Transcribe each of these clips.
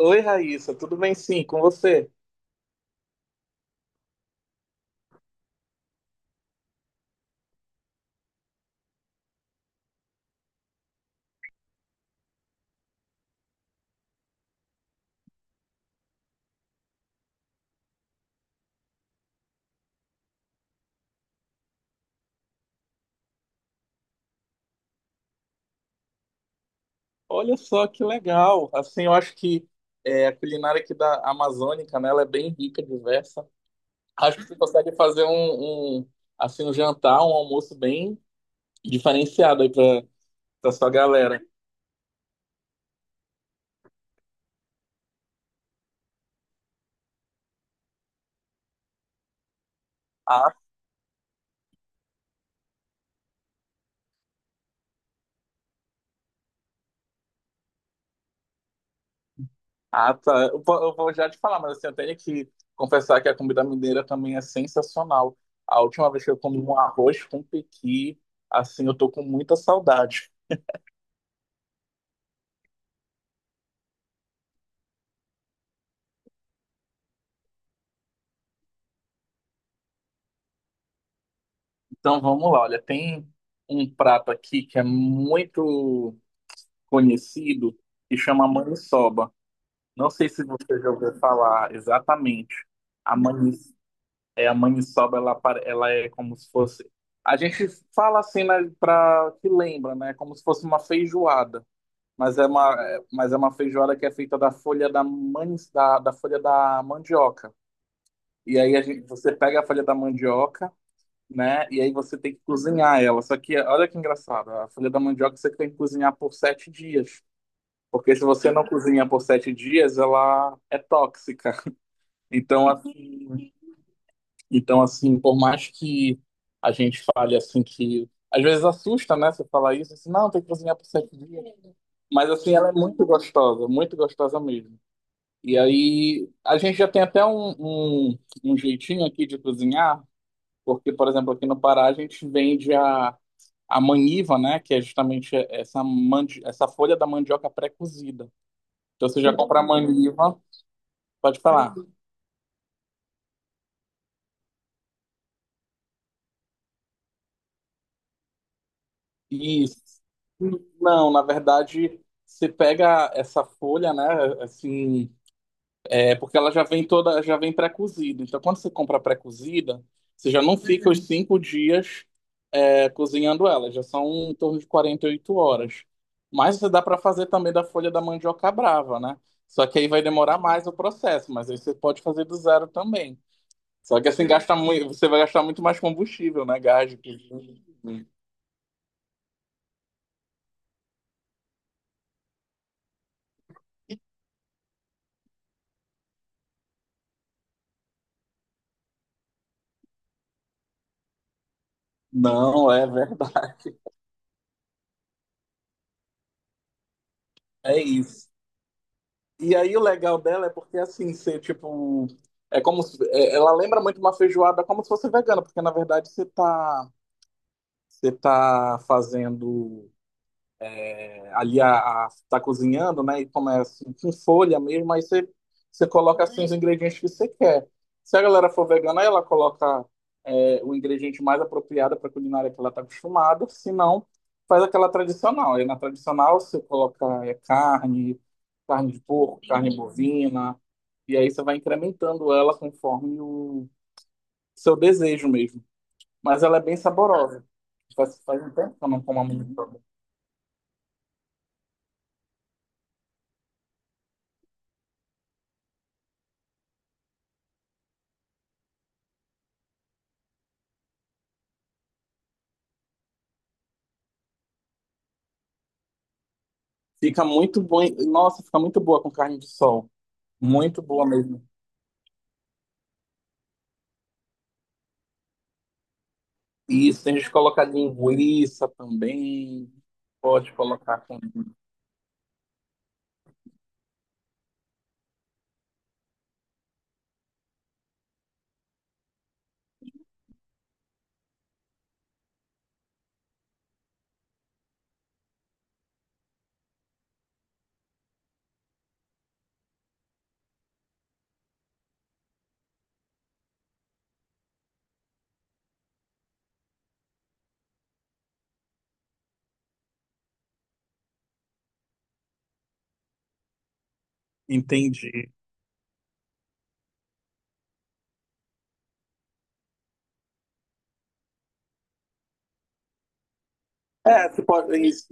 Oi, Raíssa, tudo bem sim, com você? Olha só que legal. Assim, eu acho que a culinária aqui da Amazônica, né, ela é bem rica, diversa. Acho que você consegue fazer assim, um jantar, um almoço bem diferenciado aí para para sua galera. Ah, ah, tá. Eu, eu vou já te falar, mas assim, eu tenho que confessar que a comida mineira também é sensacional. A última vez que eu comi um arroz com pequi, assim, eu tô com muita saudade. Então vamos lá, olha, tem um prato aqui que é muito conhecido que chama maniçoba. Não sei se você já ouviu falar exatamente. A manis, é a maniçoba, ela, ela é como se fosse. A gente fala assim, né, para que lembra, né? Como se fosse uma feijoada, mas é uma, mas é uma feijoada que é feita da folha da, da folha da mandioca. E aí a gente, você pega a folha da mandioca, né? E aí você tem que cozinhar ela. Só que olha que engraçado, a folha da mandioca você tem que cozinhar por sete dias. Porque se você não cozinha por sete dias, ela é tóxica. Então, assim, então, assim, por mais que a gente fale assim que. Às vezes assusta, né? Você falar isso, assim, não, tem que cozinhar por sete dias. Mas assim, ela é muito gostosa mesmo. E aí, a gente já tem até um jeitinho aqui de cozinhar, porque, por exemplo, aqui no Pará a gente vende a maniva, né? Que é justamente essa, mandi essa folha da mandioca pré-cozida. Então você já compra a maniva, pode falar. Isso. Não, na verdade, você pega essa folha, né? Assim, é porque ela já vem toda, já vem pré-cozida. Então, quando você compra pré-cozida, você já não fica os cinco dias cozinhando ela, já são em torno de 48 horas. Mas você dá para fazer também da folha da mandioca brava, né? Só que aí vai demorar mais o processo, mas aí você pode fazer do zero também. Só que assim gasta muito, você vai gastar muito mais combustível, né? Não, é verdade. É isso. E aí o legal dela é porque assim, você tipo, é como se- é- ela lembra muito uma feijoada como se fosse vegana, porque na verdade você tá fazendo ali a tá cozinhando, né? E começa com folha mesmo, você coloca assim os ingredientes que você quer. Se a galera for vegana, aí ela coloca o ingrediente mais apropriado para a culinária que ela está acostumada, se não, faz aquela tradicional. Aí na tradicional você coloca carne, carne de porco, carne bovina, e aí você vai incrementando ela conforme o seu desejo mesmo. Mas ela é bem saborosa. Faz um tempo que eu não como a. Fica muito bom. Nossa, fica muito boa com carne de sol. Muito boa mesmo. Isso, tem gente que coloca linguiça também. Pode colocar também. Entendi. É, você pode, é isso.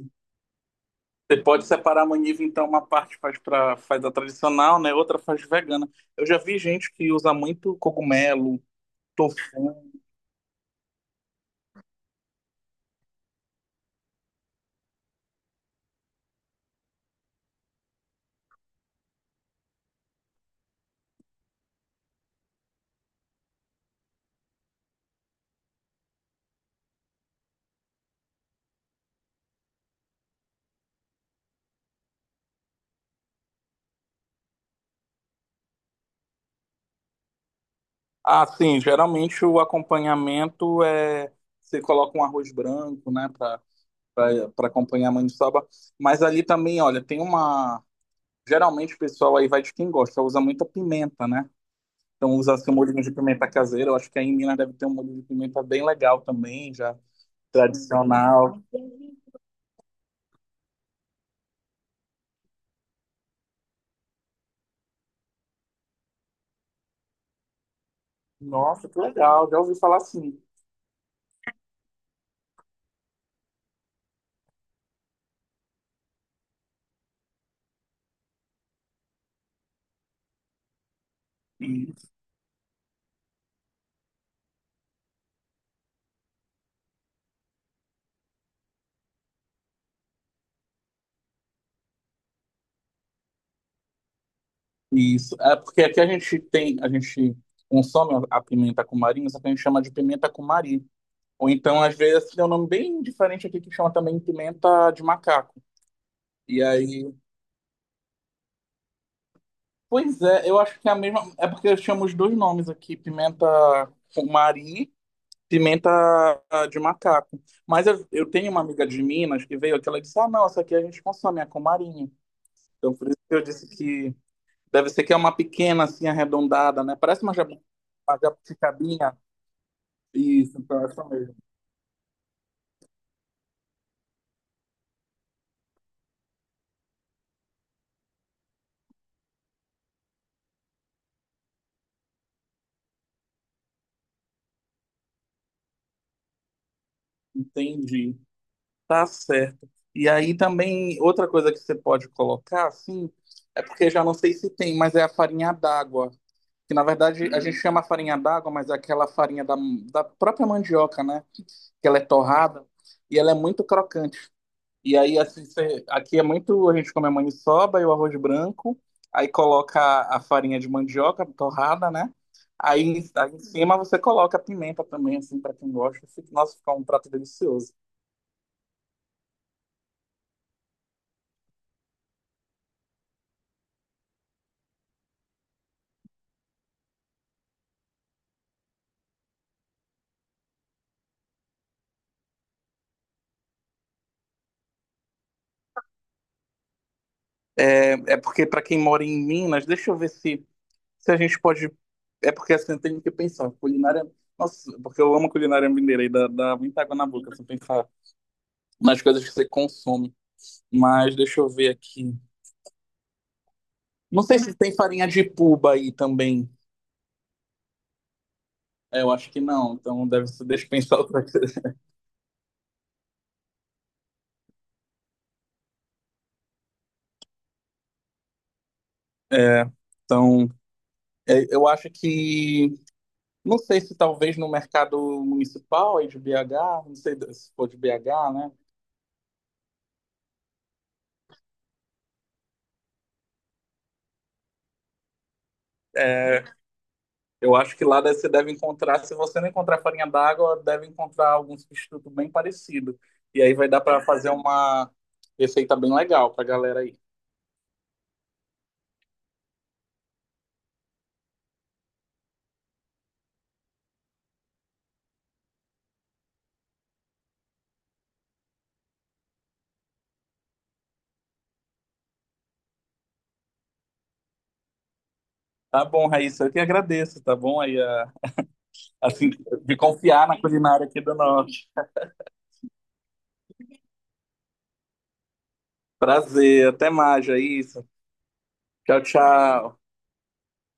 Você pode separar a maniva, então uma parte faz para faz a tradicional, né? Outra faz vegana. Eu já vi gente que usa muito cogumelo, tofu. Ah, sim, geralmente o acompanhamento é você coloca um arroz branco, né, para para acompanhar a maniçoba, mas ali também, olha, tem uma. Geralmente o pessoal aí vai de quem gosta, usa muita pimenta, né? Então usa seu molhinho de pimenta caseira. Eu acho que aí em Minas deve ter um molho de pimenta bem legal também, já tradicional. Nossa, que legal, já ouvi falar assim. Isso. Isso. É porque aqui a gente tem, a gente consome a pimenta cumari, só que a gente chama de pimenta cumari. Ou então, às vezes, tem um nome bem diferente aqui que chama também pimenta de macaco. E aí, pois é, eu acho que é a mesma. É porque eu chamo os dois nomes aqui, pimenta cumari. Pimenta de macaco. Mas eu tenho uma amiga de Minas que veio aqui, ela disse: "Ah, não, essa aqui a gente consome, é com marinho". Então, por isso que eu disse que deve ser que é uma pequena, assim, arredondada, né? Uma jabuticabinha. Isso, então, é essa mesmo. Entendi. Tá certo. E aí também, outra coisa que você pode colocar, assim, é porque já não sei se tem, mas é a farinha d'água. Que na verdade a gente chama farinha d'água, mas é aquela farinha da, da própria mandioca, né? Que ela é torrada e ela é muito crocante. E aí, assim, aqui é muito. A gente come a maniçoba e o arroz branco, aí coloca a farinha de mandioca torrada, né? Aí em cima você coloca a pimenta também, assim, para quem gosta. Nossa, fica um prato delicioso. É, é porque, para quem mora em Minas, deixa eu ver se, se a gente pode. É porque, assim, eu tenho que pensar. Culinária. Nossa, porque eu amo culinária mineira e dá muita água na boca, se eu pensar nas coisas que você consome. Mas deixa eu ver aqui. Não sei se tem farinha de puba aí também. É, eu acho que não, então deve ser, deixa eu pensar outra coisa. É, então, eu acho que, não sei se talvez no mercado municipal aí de BH, não sei se for de BH, né? É, eu acho que lá você deve encontrar, se você não encontrar farinha d'água, deve encontrar algum substituto bem parecido. E aí vai dar para fazer uma receita bem legal pra galera aí. Tá bom, Raíssa, eu que agradeço, tá bom? Assim, de confiar na culinária aqui do norte. Prazer, até mais, é isso. Tchau, tchau.